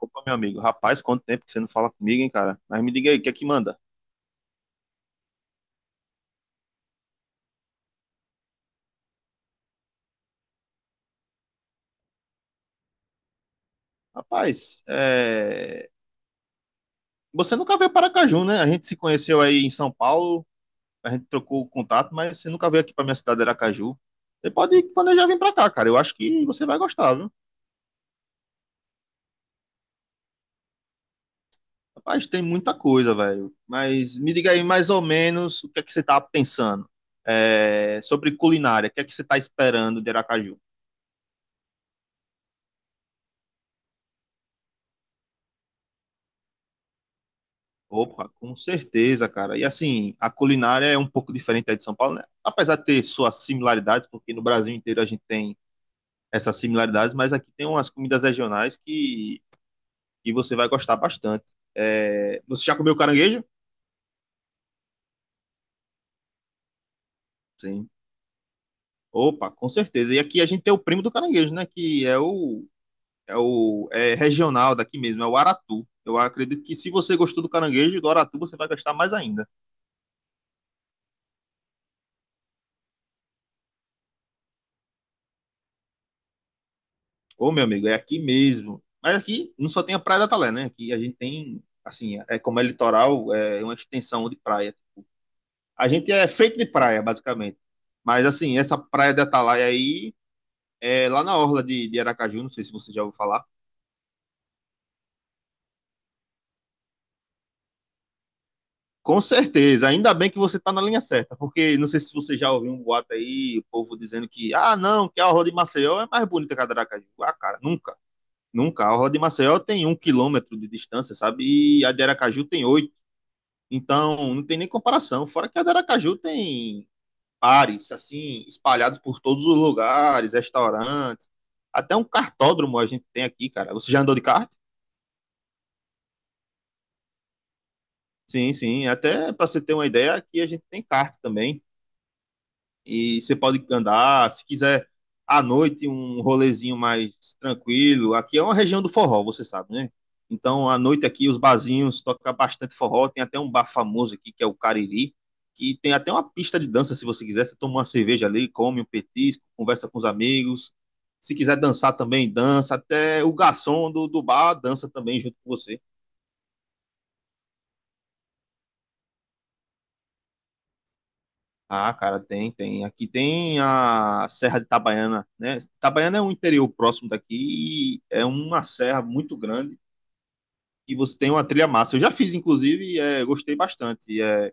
Opa, meu amigo, rapaz, quanto tempo que você não fala comigo, hein, cara? Mas me diga aí, o que é que manda? Rapaz, você nunca veio para Aracaju, né? A gente se conheceu aí em São Paulo, a gente trocou o contato, mas você nunca veio aqui para minha cidade, Aracaju. Você pode planejar vir para cá, cara. Eu acho que você vai gostar, viu? Rapaz, tem muita coisa, velho. Mas me diga aí mais ou menos o que é que você tá pensando. Sobre culinária. O que é que você tá esperando de Aracaju? Opa, com certeza, cara. E assim, a culinária é um pouco diferente aí de São Paulo, né? Apesar de ter suas similaridades, porque no Brasil inteiro a gente tem essas similaridades, mas aqui tem umas comidas regionais que você vai gostar bastante. Você já comeu caranguejo? Sim. Opa, com certeza. E aqui a gente tem o primo do caranguejo, né? Que é o, é o é regional daqui mesmo, é o aratu. Eu acredito que se você gostou do caranguejo e do aratu, você vai gostar mais ainda. Ô, meu amigo, é aqui mesmo. Mas aqui não só tem a Praia da Talé, né? Aqui a gente tem, assim, é como é litoral, é uma extensão de praia. A gente é feito de praia, basicamente. Mas, assim, essa Praia da Atalaia aí, é lá na orla de Aracaju, não sei se você já ouviu falar. Com certeza, ainda bem que você tá na linha certa, porque não sei se você já ouviu um boato aí, o povo dizendo que, ah, não, que a orla de Maceió é mais bonita que a de Aracaju. Ah, cara, nunca, nunca. A orla de Maceió tem um quilômetro de distância, sabe? E a de Aracaju tem oito. Então, não tem nem comparação. Fora que a de Aracaju tem bares, assim, espalhados por todos os lugares, restaurantes. Até um kartódromo a gente tem aqui, cara. Você já andou de kart? Sim, sim. Até para você ter uma ideia, aqui a gente tem kart também. E você pode andar, se quiser à noite um rolezinho mais tranquilo. Aqui é uma região do forró, você sabe, né? Então, à noite aqui os barzinhos tocam bastante forró, tem até um bar famoso aqui que é o Cariri, que tem até uma pista de dança se você quiser, você toma uma cerveja ali, come um petisco, conversa com os amigos. Se quiser dançar também, dança, até o garçom do bar dança também junto com você. Ah, cara, tem, tem. Aqui tem a Serra de Itabaiana, né? Itabaiana é um interior próximo daqui e é uma serra muito grande e você tem uma trilha massa. Eu já fiz, inclusive, e é, gostei bastante. É,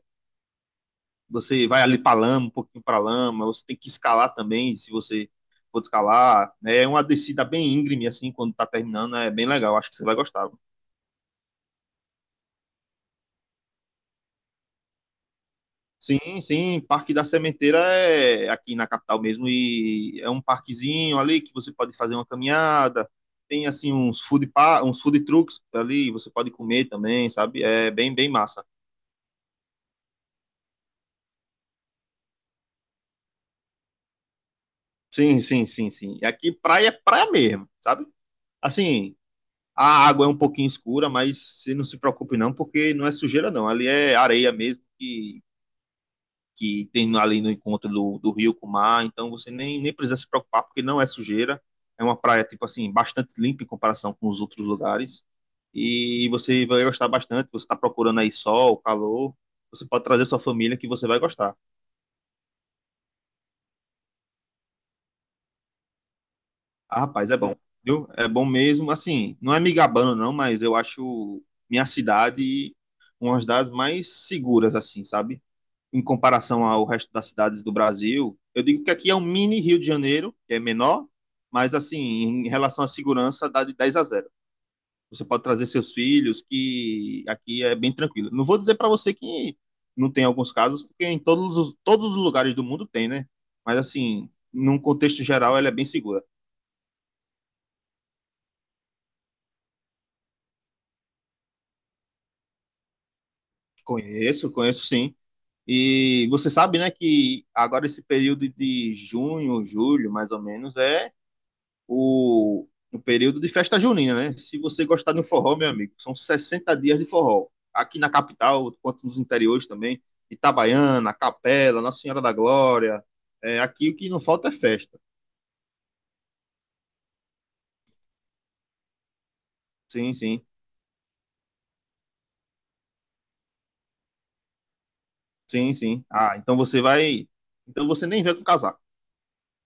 você vai ali para lama, um pouquinho para lama, você tem que escalar também, se você for escalar. É uma descida bem íngreme, assim, quando tá terminando, é bem legal. Acho que você vai gostar. Sim, sim. Parque da Sementeira é aqui na capital mesmo e é um parquezinho ali que você pode fazer uma caminhada. Tem assim uns food trucks ali, você pode comer também, sabe? É bem bem massa. Sim, sim, sim, sim. E aqui praia é praia mesmo, sabe? Assim, a água é um pouquinho escura, mas você não se preocupe não, porque não é sujeira não. Ali é areia mesmo que tem ali no encontro do rio com o mar, então você nem precisa se preocupar, porque não é sujeira, é uma praia, tipo assim, bastante limpa em comparação com os outros lugares, e você vai gostar bastante, você está procurando aí sol, calor, você pode trazer sua família que você vai gostar. Ah, rapaz, é bom, viu? É bom mesmo, assim, não é me gabando não, mas eu acho minha cidade uma das mais seguras, assim, sabe? Em comparação ao resto das cidades do Brasil. Eu digo que aqui é um mini Rio de Janeiro, que é menor, mas assim, em relação à segurança, dá de 10-0. Você pode trazer seus filhos, que aqui é bem tranquilo. Não vou dizer para você que não tem alguns casos, porque em todos os lugares do mundo tem, né? Mas assim, num contexto geral, ela é bem segura. Conheço, conheço sim. E você sabe, né, que agora esse período de junho, julho, mais ou menos, é o período de festa junina, né? Se você gostar de um forró, meu amigo, são 60 dias de forró. Aqui na capital, quanto nos interiores também, Itabaiana, Capela, Nossa Senhora da Glória. É, aqui o que não falta é festa. Sim, sim, sim, sim. Ah, então você vai. Então você nem vem com casaco.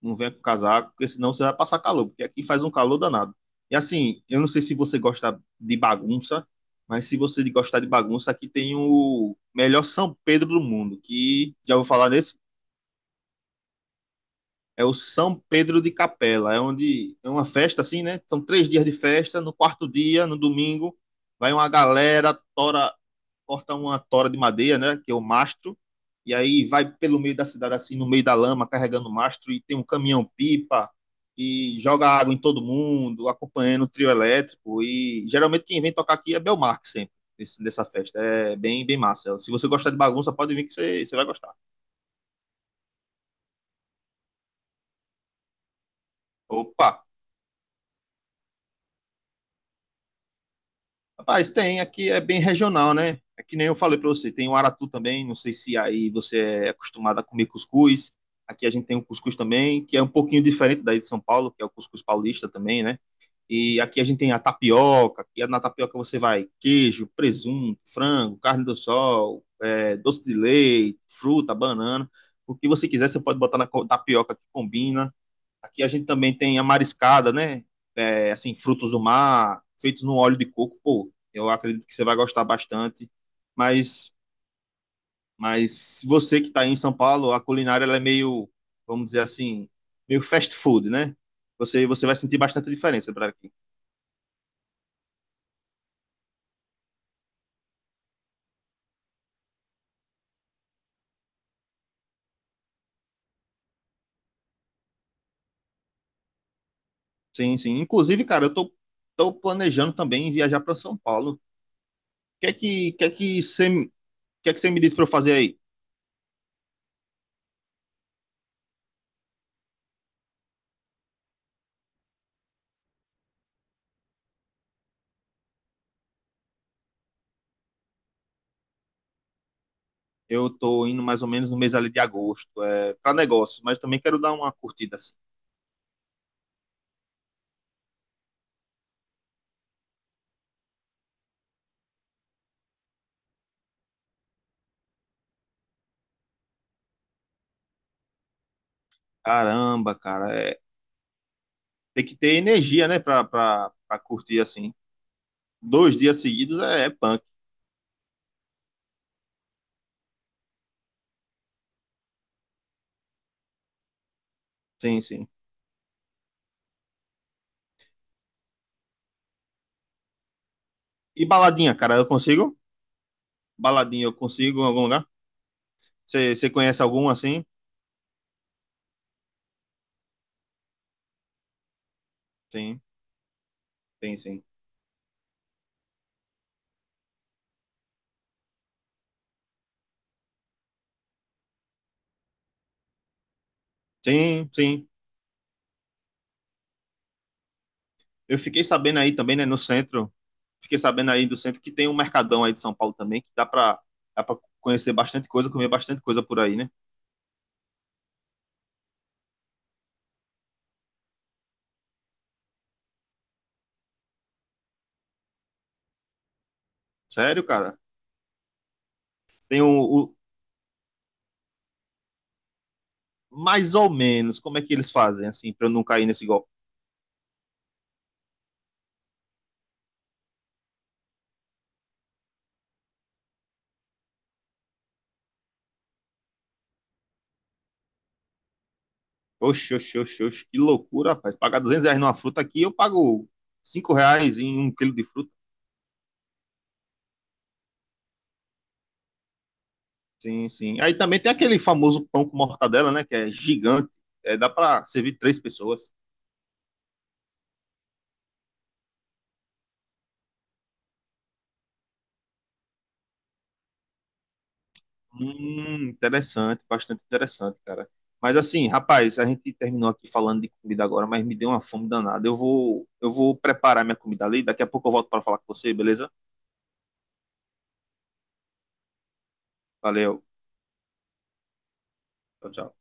Não venha com casaco, porque senão você vai passar calor, porque aqui faz um calor danado. E assim, eu não sei se você gosta de bagunça, mas se você gostar de bagunça, aqui tem o melhor São Pedro do mundo, que já vou falar nesse? É o São Pedro de Capela, é onde é uma festa assim, né? São 3 dias de festa. No quarto dia, no domingo, vai uma galera, tora, corta uma tora de madeira, né? Que é o mastro. E aí vai pelo meio da cidade, assim, no meio da lama, carregando o mastro. E tem um caminhão-pipa e joga água em todo mundo, acompanhando o trio elétrico. E geralmente quem vem tocar aqui é Belmarque sempre, dessa festa. É bem, bem massa. Se você gostar de bagunça, pode vir que você vai gostar. Opa! Rapaz, tem, aqui é bem regional, né? É que nem eu falei para você, tem o aratu também, não sei se aí você é acostumado a comer cuscuz. Aqui a gente tem o cuscuz também, que é um pouquinho diferente daí de São Paulo, que é o cuscuz paulista também, né? E aqui a gente tem a tapioca, que é na tapioca você vai queijo, presunto, frango, carne do sol, é, doce de leite, fruta, banana. O que você quiser, você pode botar na tapioca que combina. Aqui a gente também tem a mariscada, né? É, assim, frutos do mar, feitos no óleo de coco. Pô, eu acredito que você vai gostar bastante. Mas, mas você que está aí em São Paulo, a culinária ela é meio, vamos dizer assim, meio fast food, né? Você vai sentir bastante diferença para aqui. Sim, sim. Inclusive, cara, eu tô planejando também viajar para São Paulo. O que é que, que, é que, você, me- que é que você me disse para eu fazer aí? Eu tô indo mais ou menos no mês ali de agosto, é, para negócios, mas também quero dar uma curtida assim. Caramba, cara, tem que ter energia, né, pra curtir assim. Dois dias seguidos é punk. Sim, sim. E baladinha, cara, eu consigo? Baladinha, eu consigo em algum lugar? Você conhece algum assim? Sim, sim, sim. Sim, sim. Eu fiquei sabendo aí também, né, no centro. Fiquei sabendo aí do centro que tem um mercadão aí de São Paulo também, que dá pra conhecer bastante coisa, comer bastante coisa por aí, né? Sério, cara? Tem o mais ou menos, como é que eles fazem, assim, pra eu não cair nesse golpe? Oxe, oxe, oxe, oxe, que loucura, rapaz. Pagar R$ 200 numa fruta aqui, eu pago R$ 5 em 1 quilo de fruta. Sim, sim. Aí também tem aquele famoso pão com mortadela, né? Que é gigante. É, dá para servir três pessoas. Interessante, bastante interessante, cara. Mas assim, rapaz, a gente terminou aqui falando de comida agora, mas me deu uma fome danada. Eu vou preparar minha comida ali. Daqui a pouco eu volto para falar com você, beleza? Valeu. Tchau, tchau.